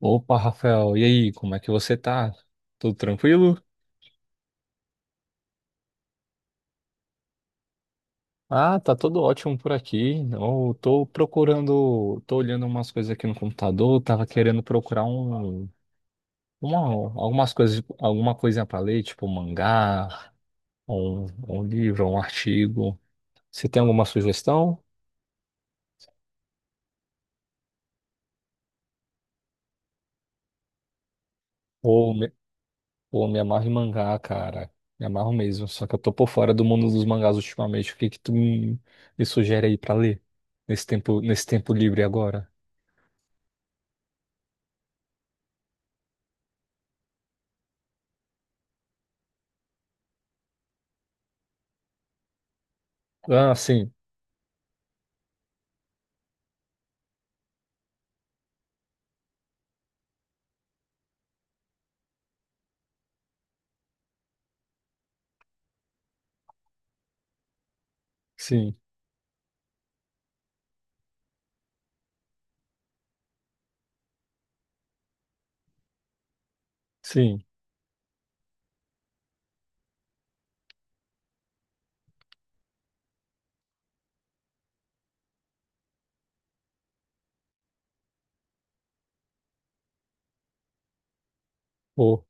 Opa, Rafael, e aí, como é que você tá? Tudo tranquilo? Ah, tá tudo ótimo por aqui. Eu tô procurando, tô olhando umas coisas aqui no computador, tava querendo procurar uma, algumas coisas, alguma coisinha pra ler, tipo um mangá, um livro, um artigo. Você tem alguma sugestão? Ou me, ou me amarro em mangá, cara. Me amarro mesmo, só que eu tô por fora do mundo dos mangás ultimamente. O que que tu me sugere aí pra ler nesse tempo livre agora? Ah, sim, sim, sim. Pô,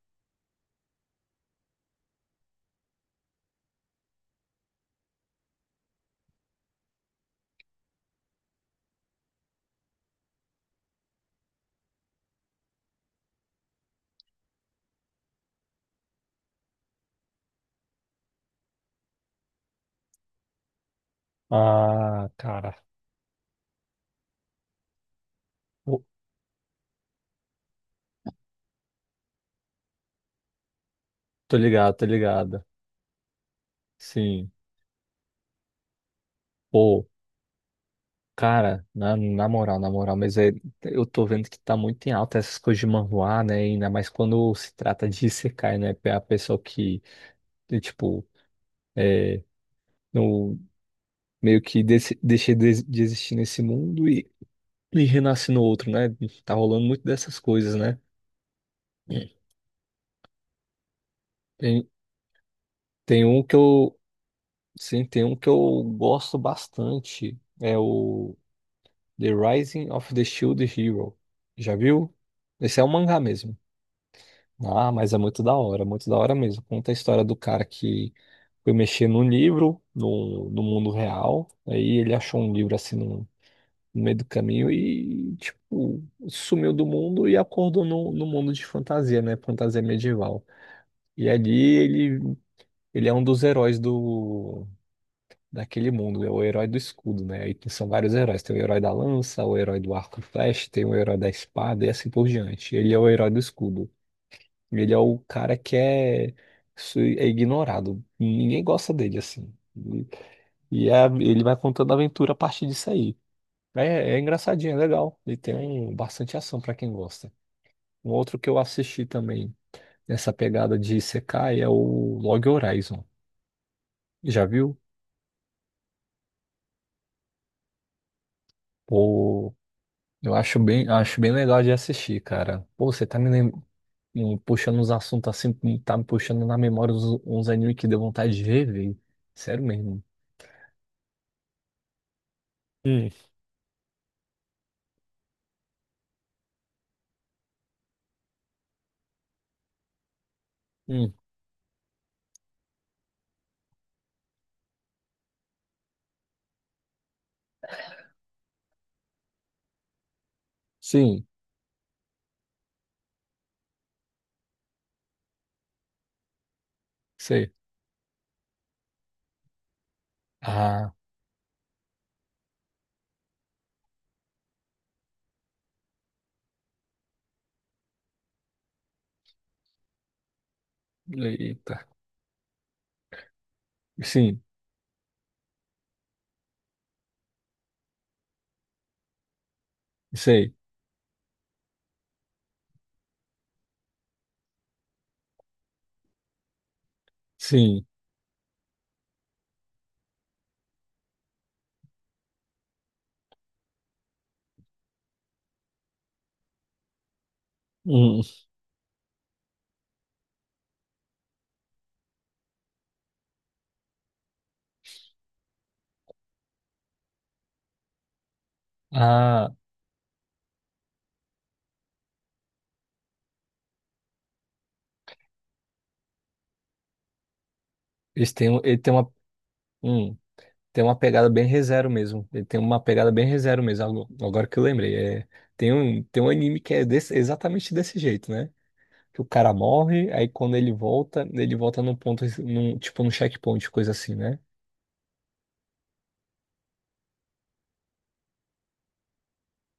ah, cara. Pô, tô ligado, tô ligado. Sim. Pô, cara, na moral, eu tô vendo que tá muito em alta essas coisas de manhwa, né? Ainda mais quando se trata de isekai, né? A pessoa que, de, tipo, é, no, meio que desse, de existir nesse mundo e renasce no outro, né? Tá rolando muito dessas coisas, né? Tem, tem um que eu. Sim, tem um que eu gosto bastante. É o The Rising of the Shield Hero. Já viu? Esse é um mangá mesmo. Ah, mas é muito da hora mesmo. Conta a história do cara que foi mexer no, no mundo real. Aí ele achou um livro assim no meio do caminho e, tipo, sumiu do mundo e acordou no mundo de fantasia, né? Fantasia medieval. E ali ele, ele é um dos heróis do daquele mundo, é o herói do escudo, né? Aí são vários heróis, tem o herói da lança, o herói do arco e flecha, tem o herói da espada e assim por diante. Ele é o herói do escudo. Ele é o cara que é, su- é ignorado. Ninguém gosta dele assim. E, ele vai contando a aventura a partir disso aí. É, é engraçadinho, é legal. Ele tem bastante ação pra quem gosta. Um outro que eu assisti também nessa pegada de Isekai é o Log Horizon. Já viu? Eu acho bem legal de assistir, cara. Pô, você tá me, lem- me puxando uns assuntos assim, tá me puxando na memória uns animes que deu vontade de ver, velho. Sério mesmo. Hum. Hum, sim, sei. Ah, eita. Sim, sei. Sim. Hum. Ah, ele hum, tem uma pegada bem ReZero mesmo. Ele tem uma pegada bem ReZero mesmo. Agora que eu lembrei, é, tem um anime que é exatamente desse jeito, né? Que o cara morre, aí quando ele volta num ponto, num, tipo num checkpoint, coisa assim, né?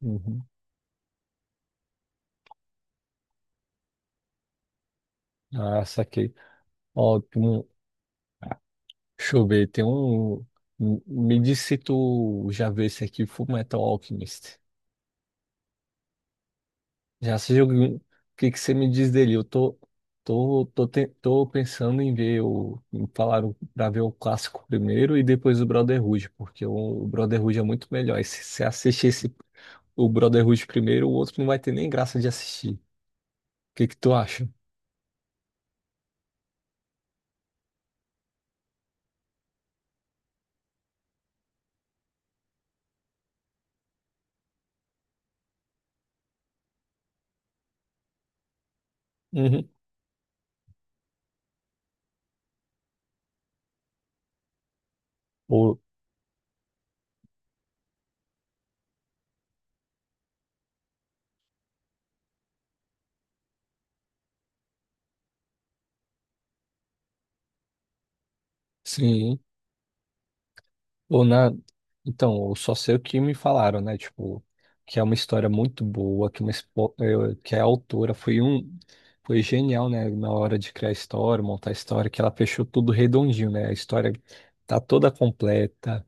Uhum. Ah, saquei. Ó, tem um- deixa eu ver, tem um. Um, me diz se tu já vê esse aqui, Full Metal Alchemist. Já se jogou. O que que você me diz dele? Eu tô, tô, tô, te- tô pensando em ver o. Falaram pra ver o clássico primeiro e depois o Brotherhood, porque o Brotherhood é muito melhor. E se você assistir esse, o Brotherhood primeiro, o outro não vai ter nem graça de assistir. Que tu acha? Uhum. Ou sim, ou na então, eu só sei o que me falaram, né? Tipo, que é uma história muito boa, que que a autora foi genial, né, na hora de criar a história, montar a história, que ela fechou tudo redondinho, né? A história tá toda completa,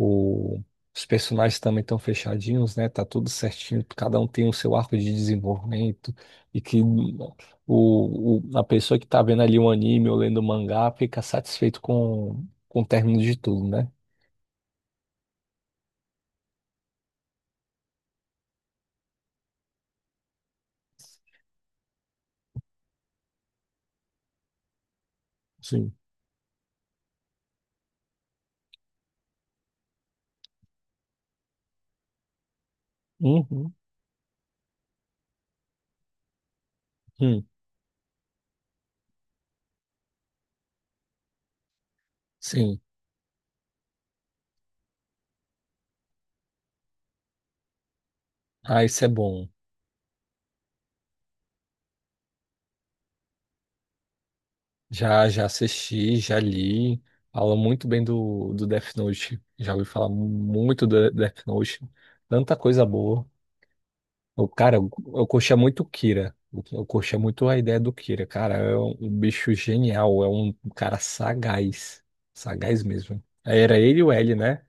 O- os personagens também estão fechadinhos, né? Tá tudo certinho, cada um tem o seu arco de desenvolvimento e que a pessoa que tá vendo ali um anime ou lendo o mangá fica satisfeito com o término de tudo, né? Sim. Uhum. Hum. Sim. Ah, isso é bom. Já, já assisti, já li. Fala muito bem do, do Death Note. Já ouvi falar muito do Death Note. Tanta coisa boa. O cara, eu curtia muito o Kira. Eu curtia muito a ideia do Kira. Cara, é um bicho genial. É um cara sagaz. Sagaz mesmo. Aí era ele e o L, né?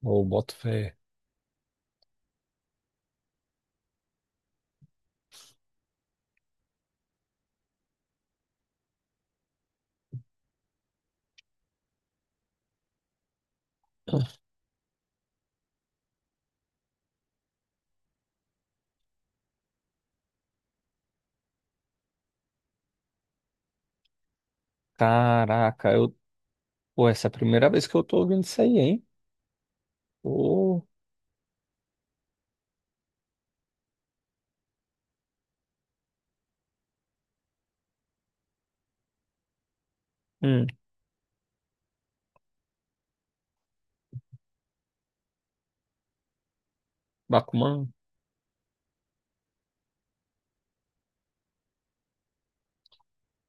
O boto fé. Caraca, eu. Pô, essa é a primeira vez que eu tô ouvindo isso aí, hein? Pô. Hum, Bakuman.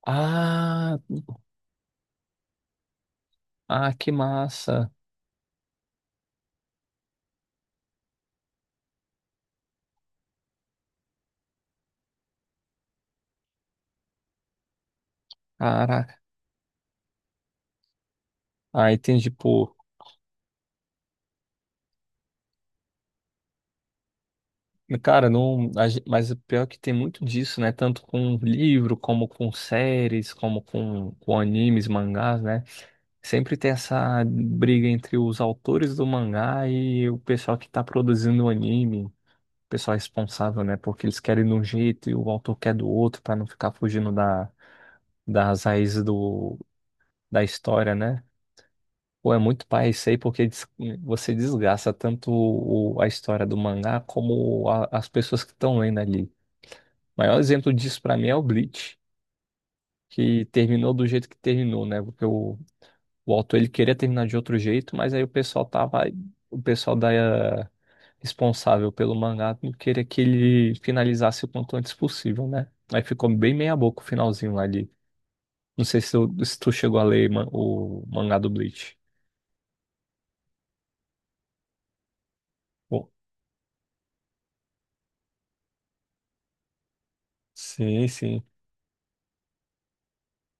Ah, ah, que massa. Caraca. Ah, entendi. Pô, cara, não, mas o pior é que tem muito disso, né? Tanto com livro, como com séries, como com animes, mangás, né? Sempre tem essa briga entre os autores do mangá e o pessoal que tá produzindo o anime, o pessoal responsável, né? Porque eles querem de um jeito e o autor quer do outro pra não ficar fugindo da, das raízes do, da história, né? Pô, é muito pai isso aí, porque você desgasta tanto a história do mangá como as pessoas que estão lendo ali. O maior exemplo disso pra mim é o Bleach, que terminou do jeito que terminou, né? Porque o autor ele queria terminar de outro jeito, mas aí o pessoal da responsável pelo mangá não queria que ele finalizasse o quanto antes possível, né? Aí ficou bem meia boca o finalzinho lá de. Não sei se tu chegou a ler o mangá do Bleach. Pô, sim, sim.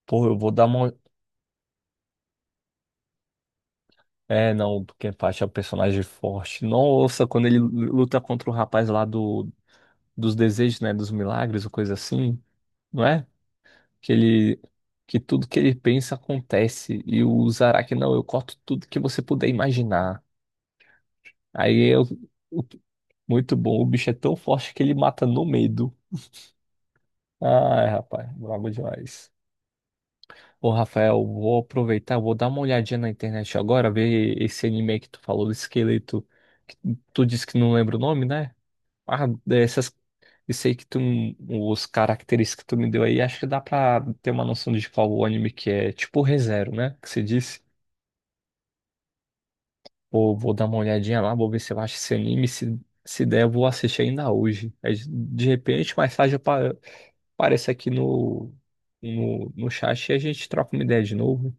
Pô, eu vou dar uma. É, não, porque Kenpachi é um personagem forte. Nossa, quando ele luta contra o rapaz dos desejos, né, dos milagres ou coisa assim, não é? Que ele que tudo que ele pensa acontece e o Zaraki, não, eu corto tudo que você puder imaginar. Aí eu o- muito bom, o bicho é tão forte que ele mata no medo. Ai, rapaz, brabo demais. Ô, Rafael, vou aproveitar, vou dar uma olhadinha na internet agora, ver esse anime que tu falou do esqueleto. Que Tu disse que não lembra o nome, né? Ah, dessas, isso aí que tu, os características que tu me deu aí, acho que dá pra ter uma noção de qual o anime que é, tipo ReZero, né? Que você disse, vou, vou dar uma olhadinha lá, vou ver se eu acho esse anime, se der, eu vou assistir ainda hoje. Aí, de repente, mais tarde eu pa- apareço aqui no chat e a gente troca uma ideia de novo.